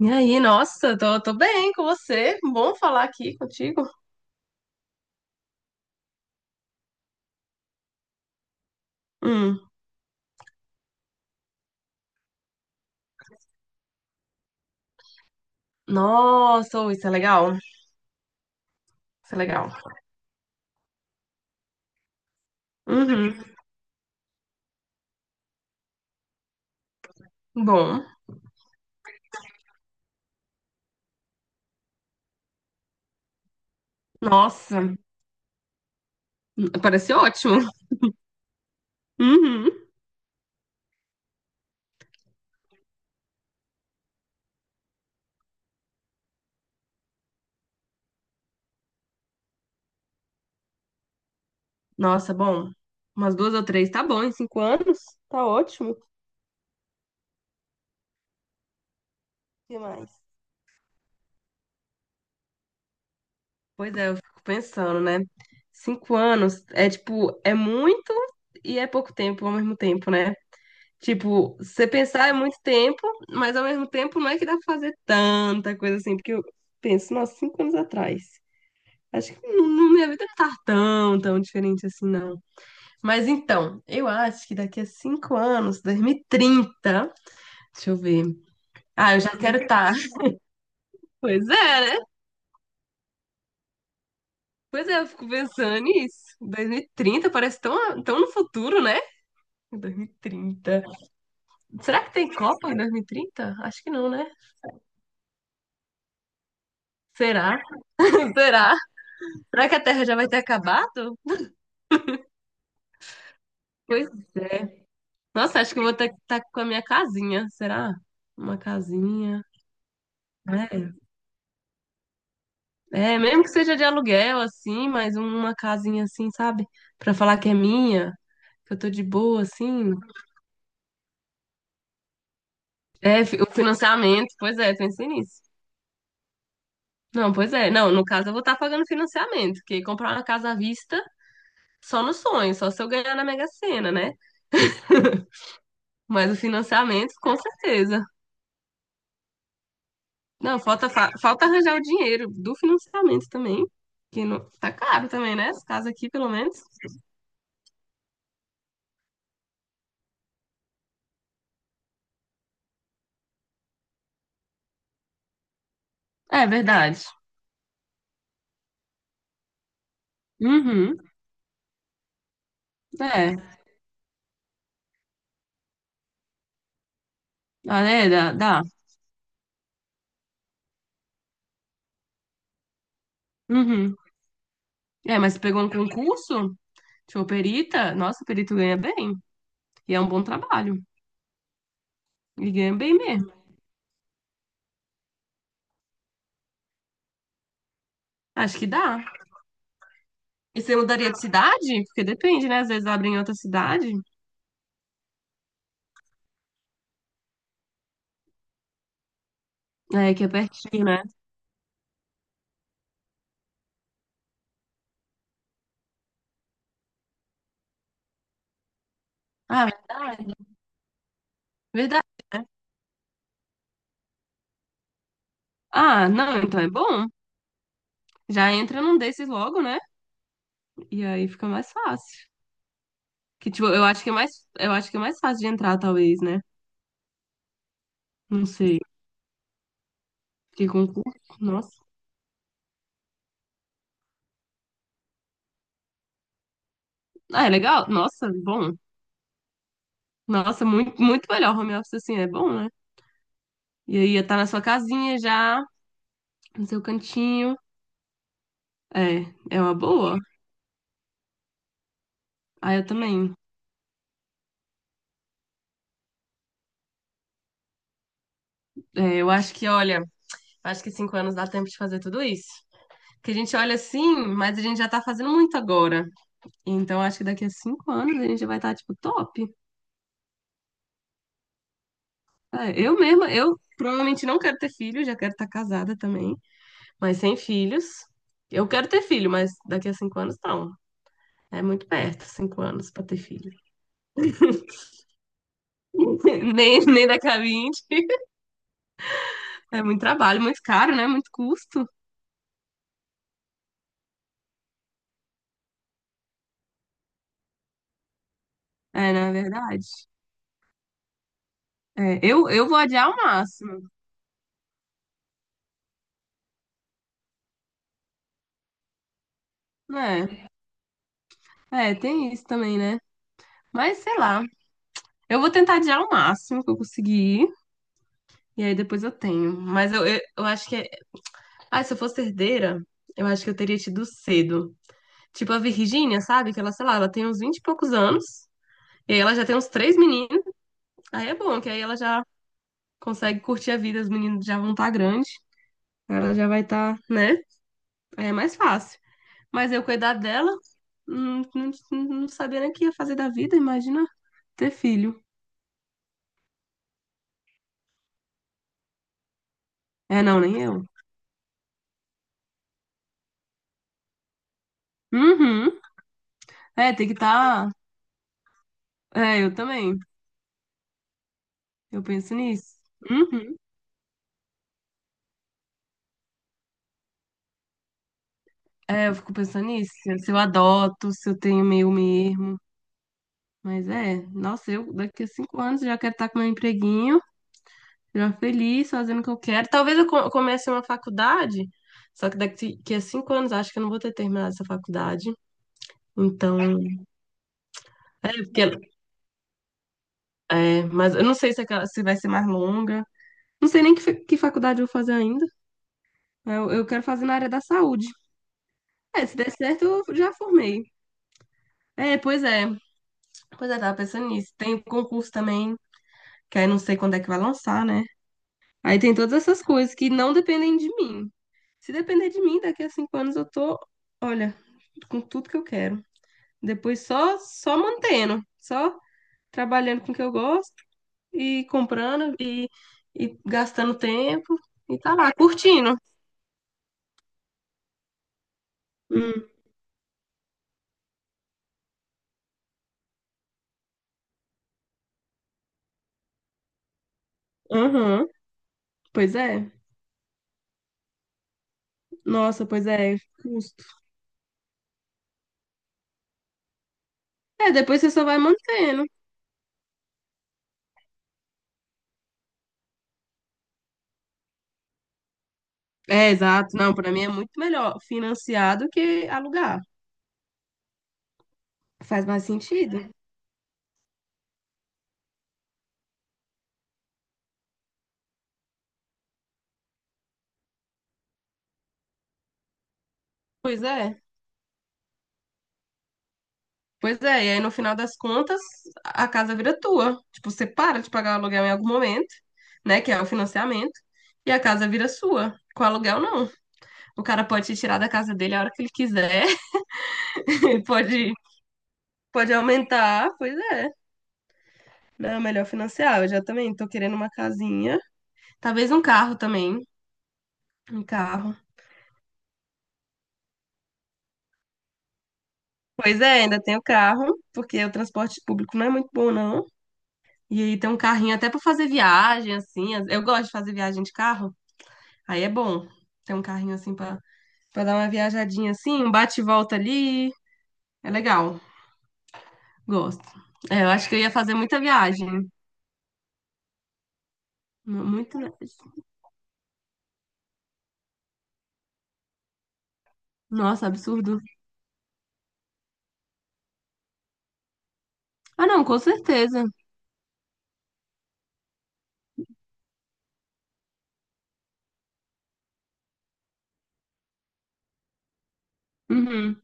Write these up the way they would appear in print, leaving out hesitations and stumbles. E aí, nossa, tô bem com você. Bom falar aqui contigo. Hum. Nossa, ô, isso é legal. Isso é legal. Uhum. Bom. Nossa, pareceu ótimo. Uhum. Nossa, bom. Umas duas ou três, tá bom, em 5 anos? Tá ótimo. O que mais? Pois é, eu fico pensando, né? 5 anos é tipo, é muito e é pouco tempo ao mesmo tempo, né? Tipo, você pensar é muito tempo, mas ao mesmo tempo não é que dá pra fazer tanta coisa assim, porque eu penso, nossa, 5 anos atrás. Acho que minha vida não tá tão, tão diferente assim, não. Mas então, eu acho que daqui a 5 anos, 2030, deixa eu ver. Ah, eu já quero estar. Pois é, né? Pois é, eu fico pensando nisso. 2030 parece tão, tão no futuro, né? 2030. Será que tem Copa em 2030? Acho que não, né? Será? Será? Será que a Terra já vai ter acabado? Pois é. Nossa, acho que eu vou ter que estar com a minha casinha, será? Uma casinha. Mesmo que seja de aluguel, assim, mas uma casinha assim, sabe? Pra falar que é minha, que eu tô de boa, assim. É, o financiamento, pois é, pensei nisso. Não, pois é. Não, no caso eu vou estar pagando financiamento, porque comprar uma casa à vista só no sonho, só se eu ganhar na Mega Sena, né? Mas o financiamento, com certeza. Não, falta arranjar o dinheiro do financiamento também, que não, tá caro também, né? Essa casa aqui, pelo menos. É verdade. Uhum, é. Ah, é, dá, dá. Uhum. É, mas pegou um concurso, tipo, perita, nossa, perito ganha bem, e é um bom trabalho, e ganha bem mesmo. Acho que dá. E você mudaria de cidade? Porque depende, né? Às vezes abrem em outra cidade, é, que é pertinho, né? Ah, verdade. Verdade, né? Ah, não, então é bom. Já entra num desses logo, né? E aí fica mais fácil. Que, tipo, eu acho que é mais fácil de entrar, talvez, né? Não sei. Que concurso? Nossa. Ah, é legal? Nossa, bom. Nossa, muito, muito melhor home office assim, é bom, né? E aí ia estar na sua casinha já, no seu cantinho. É, é uma boa. Ah, eu também. É, eu acho que, olha, acho que 5 anos dá tempo de fazer tudo isso. Que a gente olha assim, mas a gente já tá fazendo muito agora. Então, acho que daqui a cinco anos a gente já vai estar, tipo, top. É, eu mesma, eu provavelmente não quero ter filho, já quero estar casada também. Mas sem filhos. Eu quero ter filho, mas daqui a 5 anos não. É muito perto, 5 anos pra ter filho. Nem daqui a 20. É muito trabalho, muito caro, né? Muito custo. É, na verdade. É, eu vou adiar o máximo, né? É, tem isso também, né? Mas sei lá. Eu vou tentar adiar o máximo que eu conseguir. E aí depois eu tenho. Mas eu acho que. É- Ah, se eu fosse herdeira, eu acho que eu teria tido cedo. Tipo a Virgínia, sabe? Que ela, sei lá, ela tem uns 20 e poucos anos. E aí ela já tem uns três meninos. Aí é bom, que aí ela já consegue curtir a vida, os meninos já vão estar grandes. Ela já vai estar, né? Aí é mais fácil. Mas eu cuidar dela, não, não, não sabia nem o que ia fazer da vida, imagina ter filho. É, não, nem eu. Uhum. É, tem que estar. É, eu também. Eu penso nisso. Uhum. É, eu fico pensando nisso. Se eu adoto, se eu tenho meu mesmo. Mas é, nossa, eu daqui a 5 anos já quero estar com meu empreguinho. Já feliz, fazendo o que eu quero. Talvez comece uma faculdade, só que daqui que a 5 anos acho que eu não vou ter terminado essa faculdade. Então, é, porque, é, mas eu não sei se, aquela, se vai ser mais longa. Não sei nem que, que faculdade eu vou fazer ainda. Eu quero fazer na área da saúde. É, se der certo, eu já formei. É, pois é. Pois é, tava pensando nisso. Tem o concurso também, que aí não sei quando é que vai lançar, né? Aí tem todas essas coisas que não dependem de mim. Se depender de mim, daqui a 5 anos eu tô, olha, com tudo que eu quero. Depois só mantendo, só trabalhando com o que eu gosto e e gastando tempo e tá lá, curtindo. Hum, aham, pois é. Nossa, pois é, custo. É, depois você só vai mantendo. É, exato. Não, pra mim é muito melhor financiar do que alugar. Faz mais sentido. Pois é. Pois é, e aí no final das contas, a casa vira tua. Tipo, você para de pagar o aluguel em algum momento, né? Que é o financiamento, e a casa vira sua. Com aluguel, não. O cara pode te tirar da casa dele a hora que ele quiser, ele pode, pode aumentar, pois é. Não, é melhor financiar. Eu já também tô querendo uma casinha. Talvez um carro também. Um carro. Pois é, ainda tem o carro, porque o transporte público não é muito bom, não. E aí tem um carrinho até pra fazer viagem, assim. Eu gosto de fazer viagem de carro. Aí é bom ter um carrinho assim pra dar uma viajadinha assim, um bate e volta ali. É legal, gosto. É, eu acho que eu ia fazer muita viagem. Muito. Nossa, absurdo. Ah, não, com certeza. Uhum.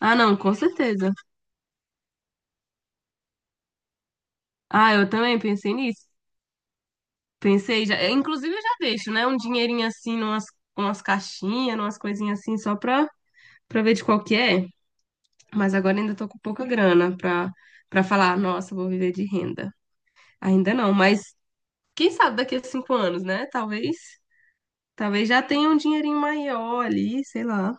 Ah, não, com certeza. Ah, eu também pensei nisso. Pensei já. É, inclusive, eu já deixo, né? Um dinheirinho assim, numas, umas caixinhas, umas coisinhas assim, pra ver de qual que é. Mas agora ainda tô com pouca grana pra falar, nossa, vou viver de renda. Ainda não, mas quem sabe daqui a 5 anos, né? Talvez. Talvez já tenha um dinheirinho maior ali, sei lá.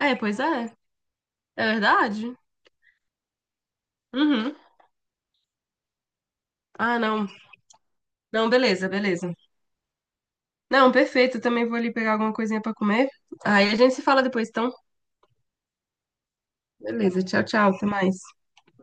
É, pois é. É verdade? Uhum. Ah, não. Não, beleza, beleza. Não, perfeito. Eu também vou ali pegar alguma coisinha pra comer. Aí a gente se fala depois, então. Beleza, tchau, tchau. Até mais.